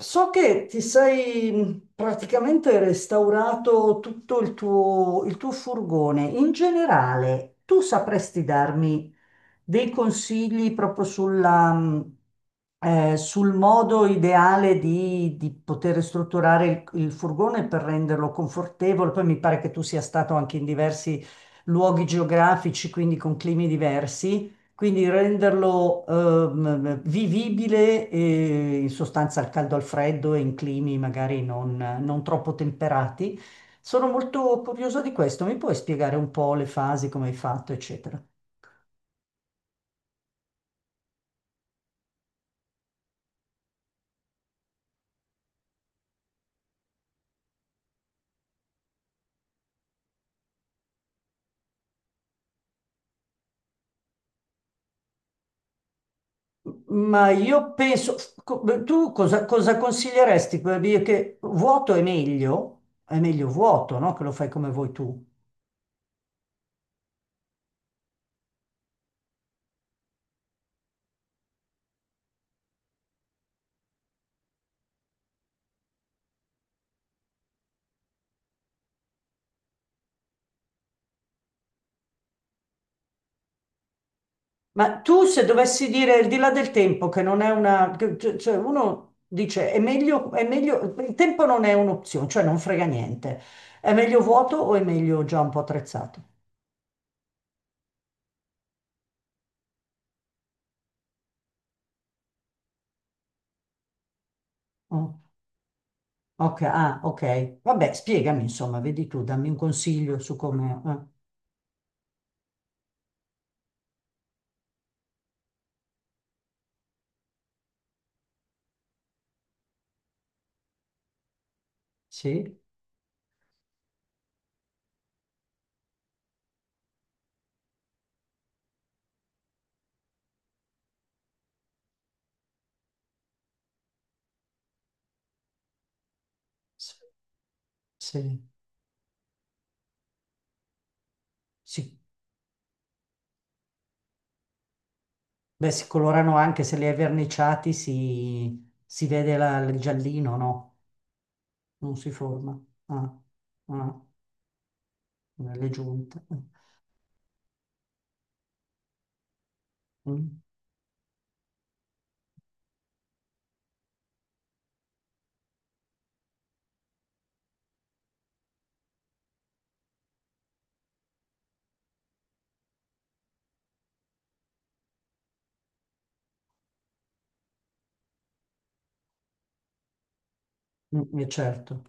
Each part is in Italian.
So che ti sei praticamente restaurato tutto il tuo furgone. In generale, tu sapresti darmi dei consigli proprio sul modo ideale di poter strutturare il furgone per renderlo confortevole? Poi mi pare che tu sia stato anche in diversi luoghi geografici, quindi con climi diversi. Quindi renderlo vivibile in sostanza al caldo al freddo e in climi magari non troppo temperati. Sono molto curioso di questo. Mi puoi spiegare un po' le fasi, come hai fatto, eccetera? Ma io penso, tu cosa consiglieresti per dire che vuoto è meglio? È meglio vuoto, no? Che lo fai come vuoi tu. Ma tu se dovessi dire il di là del tempo, che non è una... cioè uno dice è meglio... Il tempo non è un'opzione, cioè non frega niente. È meglio vuoto o è meglio già un po' attrezzato? Oh, ok, ah, ok. Vabbè, spiegami insomma, vedi tu, dammi un consiglio su come... sì, S- sì, sì. Beh, si colorano anche se li hai verniciati, si vede il giallino, no? Non si forma. Ah, ah, le giunte. Mm. Mm, certo.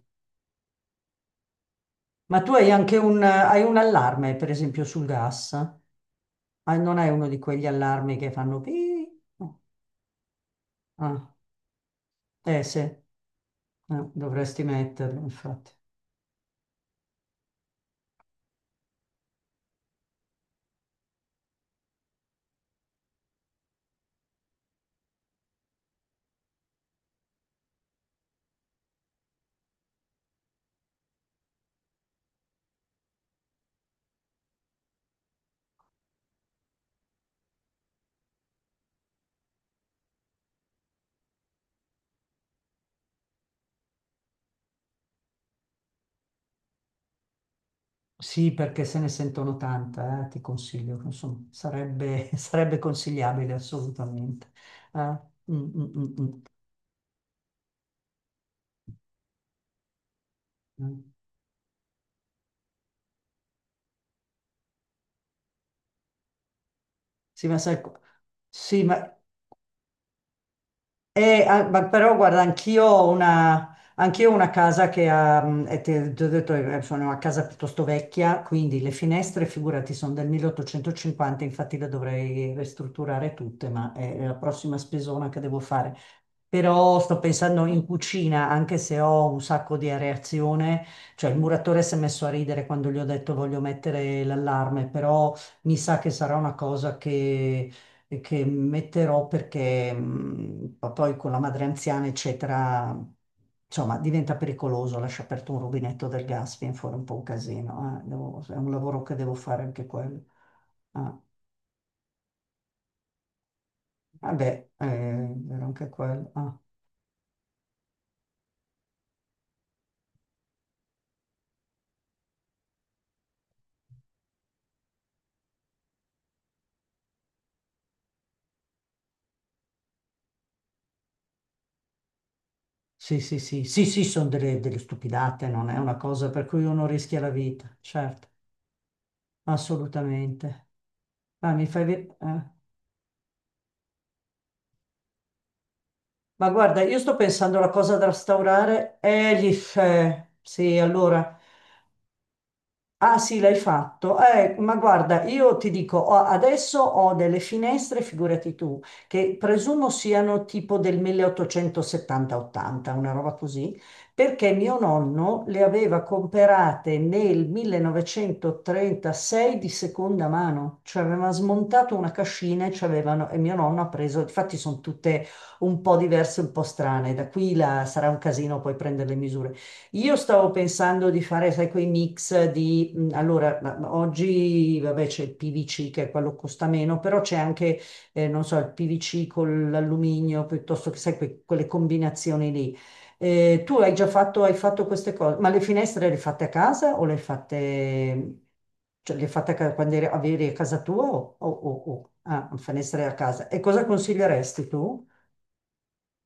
Ma tu hai anche un, hai un allarme, per esempio, sul gas? Ah, non hai uno di quegli allarmi che fanno... pi? No. Ah, eh sì, dovresti metterlo, infatti. Sì, perché se ne sentono tanta, ti consiglio, insomma, sarebbe, sarebbe consigliabile assolutamente. Eh, mm, mm, mm, mm. Eh, Sì, ma sai... sì, ma ma però guarda, anch'io ho una casa che ha, ti ho detto, sono una casa piuttosto vecchia, quindi le finestre, figurati, sono del 1850, infatti le dovrei ristrutturare tutte, ma è la prossima spesona che devo fare. Però sto pensando in cucina, anche se ho un sacco di areazione, cioè il muratore si è messo a ridere quando gli ho detto voglio mettere l'allarme, però mi sa che sarà una cosa che metterò perché poi con la madre anziana, eccetera, insomma, diventa pericoloso lasciare aperto un rubinetto del gas, viene fuori un po' un casino. È un lavoro che devo fare anche quello. Ah, vabbè, era anche quello. Ah, sì, sì, sì, sì, sì, sono delle stupidate, non è una cosa per cui uno rischia la vita, certo, assolutamente. Ah, mi fai vedere. Ma guarda, io sto pensando alla cosa da restaurare. Gli fè. Sì, allora. Ah sì, l'hai fatto. Ma guarda, io ti dico, adesso ho delle finestre, figurati tu, che presumo siano tipo del 1870-80, una roba così, perché mio nonno le aveva comprate nel 1936 di seconda mano, cioè aveva smontato una cascina e mio nonno ha preso, infatti sono tutte un po' diverse, un po' strane, da qui sarà un casino poi prendere le misure. Io stavo pensando di fare, sai, quei mix allora, ma oggi, vabbè, c'è il PVC che è quello che costa meno, però non so, il PVC con l'alluminio, piuttosto che, sai, quelle combinazioni lì. Tu hai già fatto, hai fatto queste cose, ma le hai fatte, quando avevi a casa tua ah, finestre a casa? E cosa consiglieresti tu?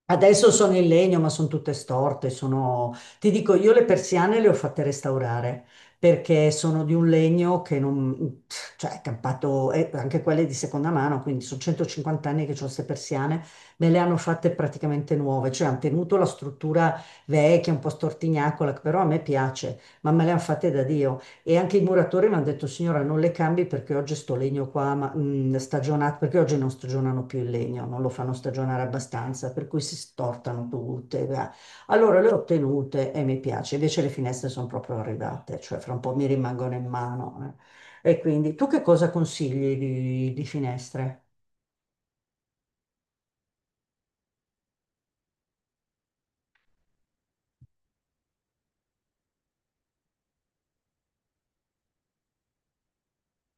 Adesso sono in legno, ma sono tutte storte. Sono... Ti dico, io le persiane le ho fatte restaurare perché sono di un legno che non... cioè è campato, e anche quelle di seconda mano, quindi sono 150 anni che ho queste persiane, me le hanno fatte praticamente nuove, cioè hanno tenuto la struttura vecchia, un po' stortignacola, che però a me piace, ma me le hanno fatte da Dio. E anche i muratori mi hanno detto, signora, non le cambi perché oggi sto legno qua, stagionato, perché oggi non stagionano più il legno, non lo fanno stagionare abbastanza, per cui si stortano tutte. Va. Allora le ho tenute e mi piace, invece le finestre sono proprio arrivate, cioè fra un po' mi rimangono in mano. Eh. E quindi tu che cosa consigli di finestre?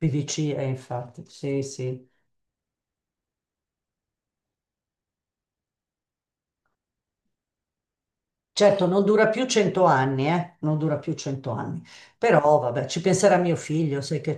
PVC, infatti, sì, sì. Certo, non dura più 100 anni, eh? Non dura più 100 anni. Però vabbè, ci penserà mio figlio, sai che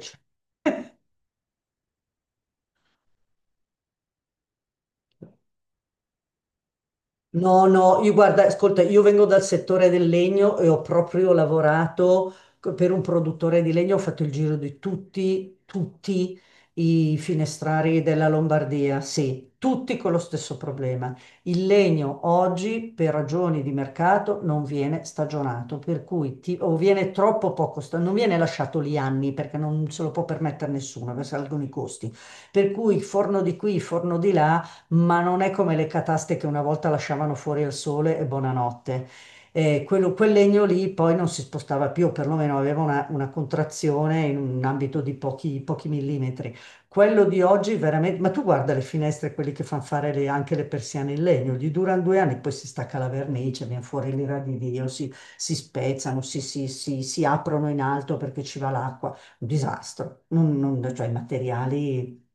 no, no, io guarda, ascolta, io vengo dal settore del legno e ho proprio lavorato per un produttore di legno, ho fatto il giro di tutti i finestrari della Lombardia, sì, tutti con lo stesso problema. Il legno oggi, per ragioni di mercato, non viene stagionato, per cui o viene troppo poco, non viene lasciato lì anni perché non se lo può permettere nessuno, perché salgono i costi. Per cui forno di qui, forno di là ma non è come le cataste che una volta lasciavano fuori al sole e buonanotte. Quel legno lì poi non si spostava più, perlomeno aveva una contrazione in un ambito di pochi millimetri. Quello di oggi veramente, ma tu guarda le finestre, quelli che fanno fare anche le persiane in legno, gli durano due anni, poi si stacca la vernice, viene fuori l'ira di Dio, si spezzano, si aprono in alto perché ci va l'acqua un disastro. Cioè, i materiali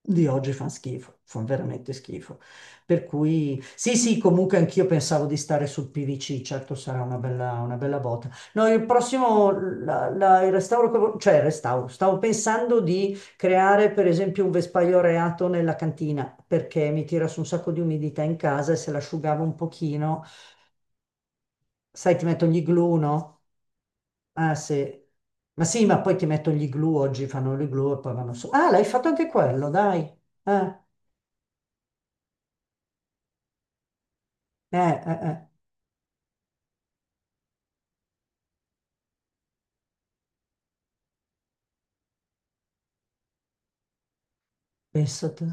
di oggi fanno schifo, fanno veramente schifo. Per cui, sì, sì, comunque anch'io pensavo di stare sul PVC, certo sarà una bella botta. No, il prossimo, il restauro, cioè il restauro, stavo pensando di creare per esempio un vespaio reato nella cantina, perché mi tira su un sacco di umidità in casa e se l'asciugavo un pochino, sai, ti metto gli glue, no? Ah sì, ma poi ti metto gli glue, oggi fanno gli glue e poi vanno su. Ah, l'hai fatto anche quello, dai. Eh, eh. Pensa te.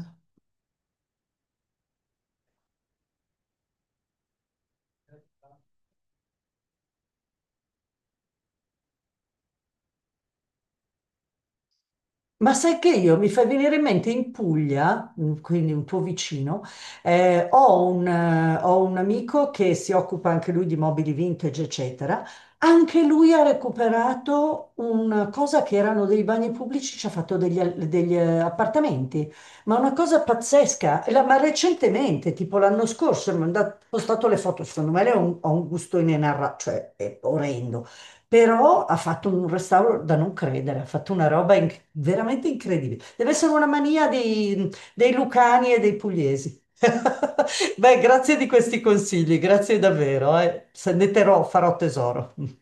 Ma sai che io mi fai venire in mente in Puglia, mm, quindi un tuo vicino, ho un amico che si occupa anche lui di mobili vintage, eccetera. Anche lui ha recuperato una cosa che erano dei bagni pubblici, ci ha fatto degli, appartamenti, ma una cosa pazzesca. Ma recentemente, tipo l'anno scorso, postato le foto, secondo me lei ha un gusto inenarrabile, cioè è orrendo però ha fatto un restauro da non credere, ha fatto una roba veramente incredibile. Deve essere una mania dei lucani e dei pugliesi. Beh, grazie di questi consigli, grazie davvero, eh. Se ne terrò, farò tesoro.